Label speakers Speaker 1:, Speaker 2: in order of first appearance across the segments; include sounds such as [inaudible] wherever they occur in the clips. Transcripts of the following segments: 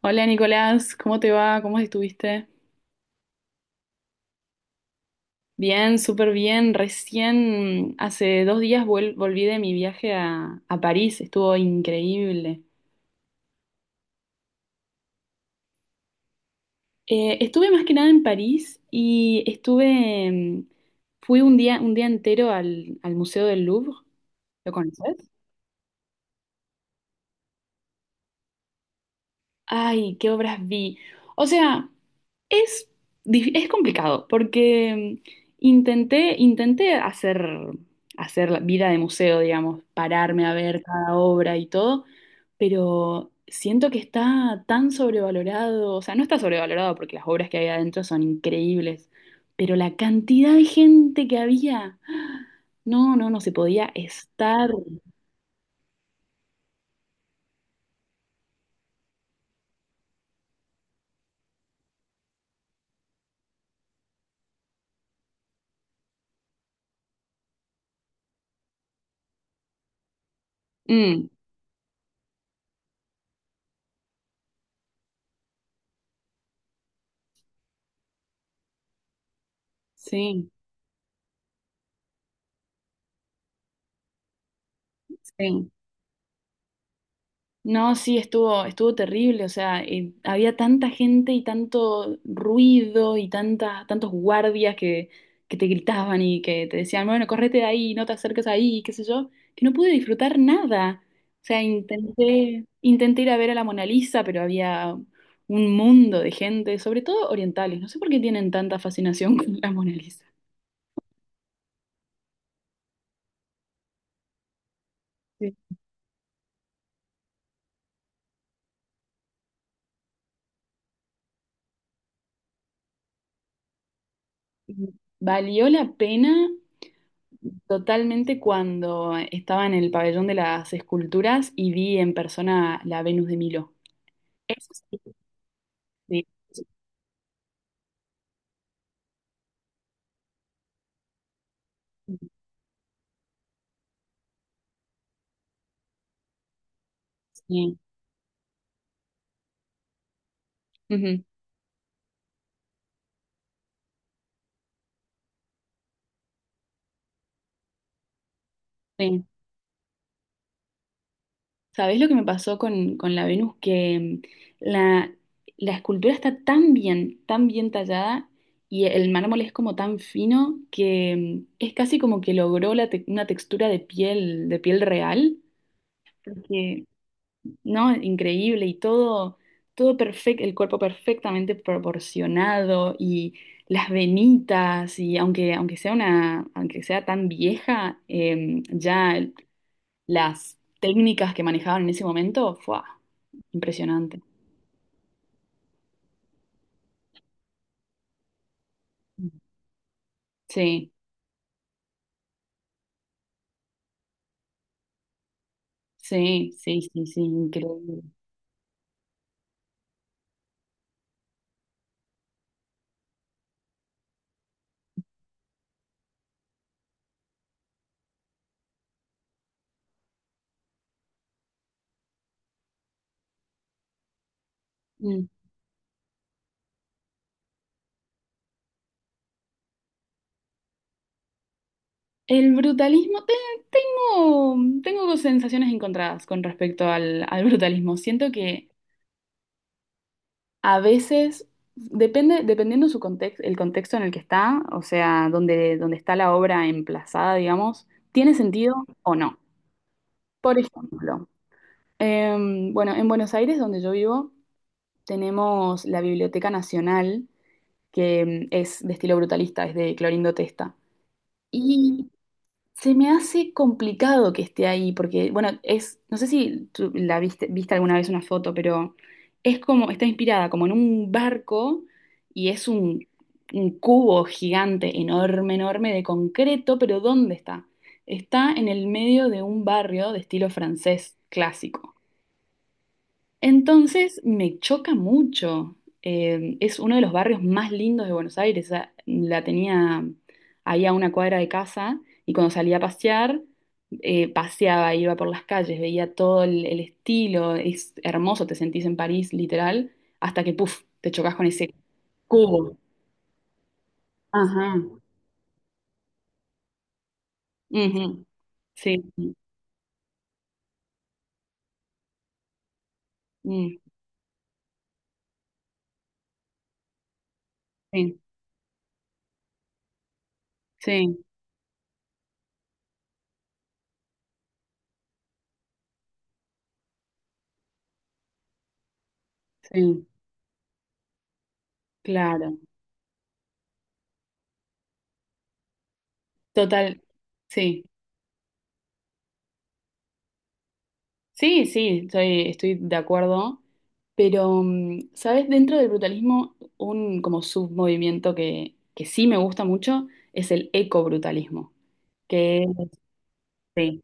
Speaker 1: Hola Nicolás, ¿cómo te va? ¿Cómo estuviste? Bien, súper bien. Recién hace dos días volví de mi viaje a París, estuvo increíble. Estuve más que nada en París y estuve, fui un día entero al, al Museo del Louvre. ¿Lo conoces? Ay, qué obras vi. O sea, Es, es complicado porque, intenté hacer la vida de museo, digamos, pararme a ver cada obra y todo, pero siento que está tan sobrevalorado, o sea, no está sobrevalorado porque las obras que hay adentro son increíbles, pero la cantidad de gente que había, ¡ah! No, no, no se podía estar. Mm, sí, sí. No, sí, estuvo terrible, o sea, había tanta gente y tanto ruido y tantos guardias que te gritaban y que te decían, bueno, correte de ahí, no te acerques ahí, qué sé yo, que no pude disfrutar nada. O sea, intenté ir a ver a la Mona Lisa, pero había un mundo de gente, sobre todo orientales. No sé por qué tienen tanta fascinación [laughs] con la Mona Lisa. Sí. Valió la pena totalmente cuando estaba en el pabellón de las esculturas y vi en persona la Venus de Milo. Eso sí. Sí. Sí. Ujú, sí. ¿Sabés lo que me pasó con la Venus? Que, la, la escultura está tan bien tallada y el mármol es como tan fino que, es casi como que logró una textura de piel real. Porque no, increíble y todo, todo perfecto, el cuerpo perfectamente proporcionado y las venitas y aunque sea una, aunque sea tan vieja, las técnicas que manejaban en ese momento, fue impresionante. Sí, sí, increíble. Mm. El brutalismo, tengo, tengo sensaciones encontradas con respecto al, al brutalismo. Siento que a veces, dependiendo su contexto, el contexto en el que está, o sea, donde, donde está la obra emplazada, digamos, ¿tiene sentido o no? Por ejemplo, bueno, en Buenos Aires, donde yo vivo, tenemos la Biblioteca Nacional, que es de estilo brutalista, es de Clorindo Testa. Y se me hace complicado que esté ahí, porque, bueno, es, no sé si tú la viste, viste alguna vez una foto, pero es como, está inspirada como en un barco y es un cubo gigante, enorme, de concreto, pero ¿dónde está? Está en el medio de un barrio de estilo francés clásico. Entonces me choca mucho. Es uno de los barrios más lindos de Buenos Aires. O sea, la tenía ahí a una cuadra de casa y cuando salía a pasear, paseaba, iba por las calles, veía todo el estilo. Es hermoso, te sentís en París, literal, hasta que, puf, te chocas con ese cubo. Ajá. Ujú. Sí, mm, sí, sí, sí, claro. Total, sí, sí, estoy de acuerdo. Pero, mm, ¿sabes? Dentro del brutalismo, un como submovimiento que sí me gusta mucho es el ecobrutalismo, que es- sí,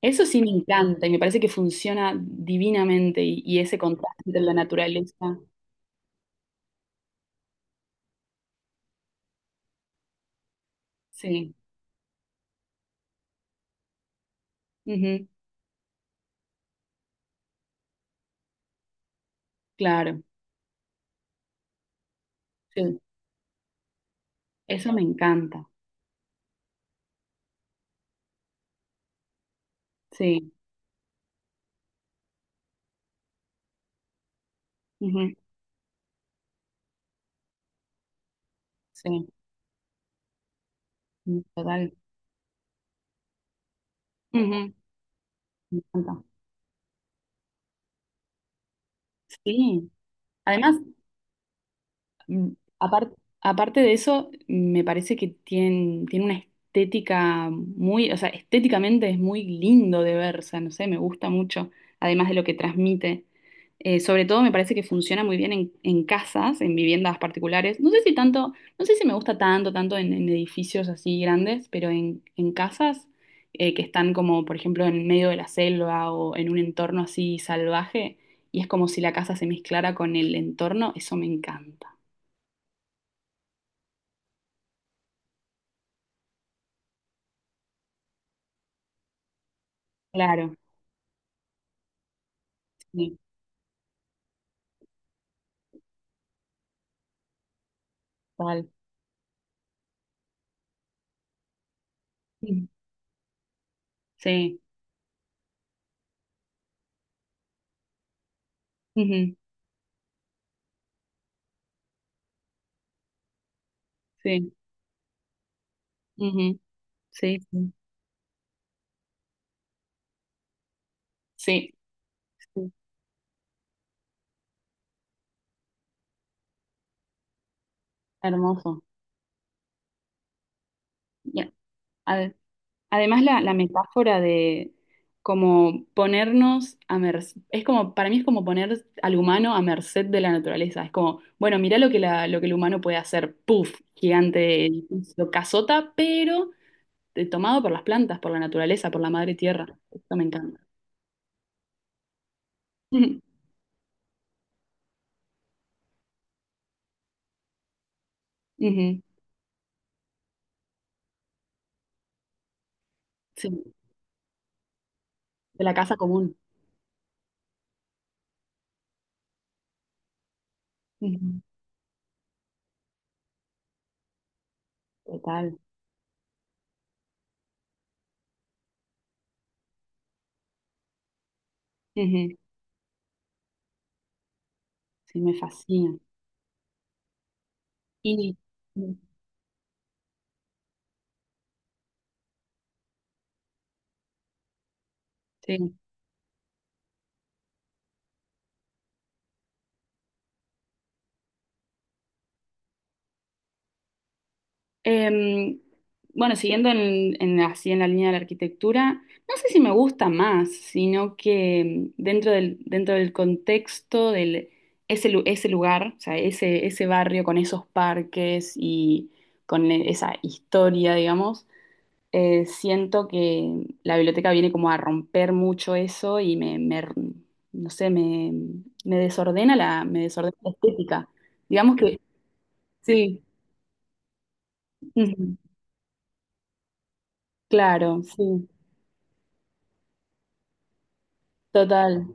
Speaker 1: eso sí me encanta y me parece que funciona divinamente y ese contraste entre la naturaleza, sí, ujú, claro, sí, eso me encanta, sí, ujú, sí, mm, total, ujú, me encanta, sí. Además, mm, apar- aparte de eso, me parece que tiene una estética muy, o sea, estéticamente es muy lindo de ver, o sea, no sé, me gusta mucho, además de lo que transmite. Sobre todo me parece que funciona muy bien en casas, en viviendas particulares. No sé si tanto, no sé si me gusta tanto, tanto en edificios así grandes, pero en casas que están como, por ejemplo, en medio de la selva o en un entorno así salvaje, y es como si la casa se mezclara con el entorno, eso me encanta. Claro, sí, tal. Sí, sí, ujú, sí, ujú, sí, sí, sí, sí, hermoso. Ya, ade- además, la metáfora de como ponernos a merced, es como, para mí es como poner al humano a merced de la naturaleza. Es como, bueno, mirá lo lo que el humano puede hacer, puff, gigante, edificio, casota, pero tomado por las plantas, por la naturaleza, por la madre tierra. Esto me encanta. [laughs] Ujú, sí, de la casa común. Total. Ujú. Sí, me fascina. Y sí. Em, bueno, siguiendo en, así en la línea de la arquitectura, no sé si me gusta más, sino que em, dentro del contexto del ese lugar, o sea, ese barrio con esos parques y con esa historia, digamos. Siento que la biblioteca viene como a romper mucho eso y no sé, me desordena la estética. Digamos que sí, ujú, claro, sí, total.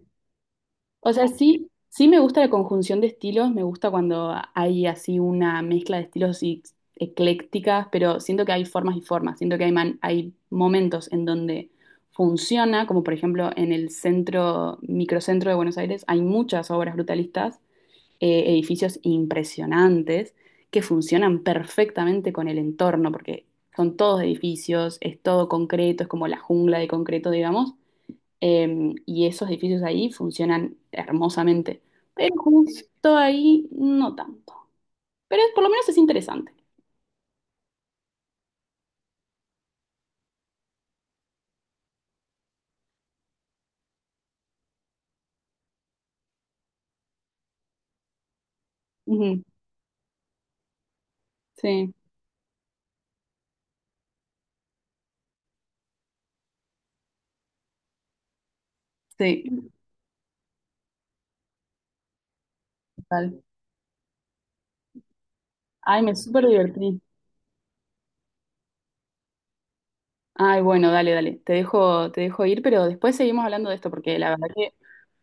Speaker 1: O sea, sí, sí me gusta la conjunción de estilos, me gusta cuando hay así una mezcla de estilos y- eclécticas, pero siento que hay formas y formas, siento que hay, hay momentos en donde funciona, como por ejemplo en el centro, microcentro de Buenos Aires, hay muchas obras brutalistas, edificios impresionantes que funcionan perfectamente con el entorno, porque son todos edificios, es todo concreto, es como la jungla de concreto, digamos y esos edificios ahí funcionan hermosamente. Pero justo ahí no tanto. Pero por lo menos es interesante. Ujú, sí, sí, total. Ay, me súper divertí. Ay, bueno, dale, dale. Te dejo ir, pero después seguimos hablando de esto porque la verdad que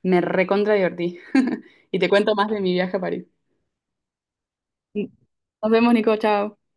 Speaker 1: me recontra divertí. [laughs] Y te cuento más de mi viaje a París. Nos vemos, Nico, chao.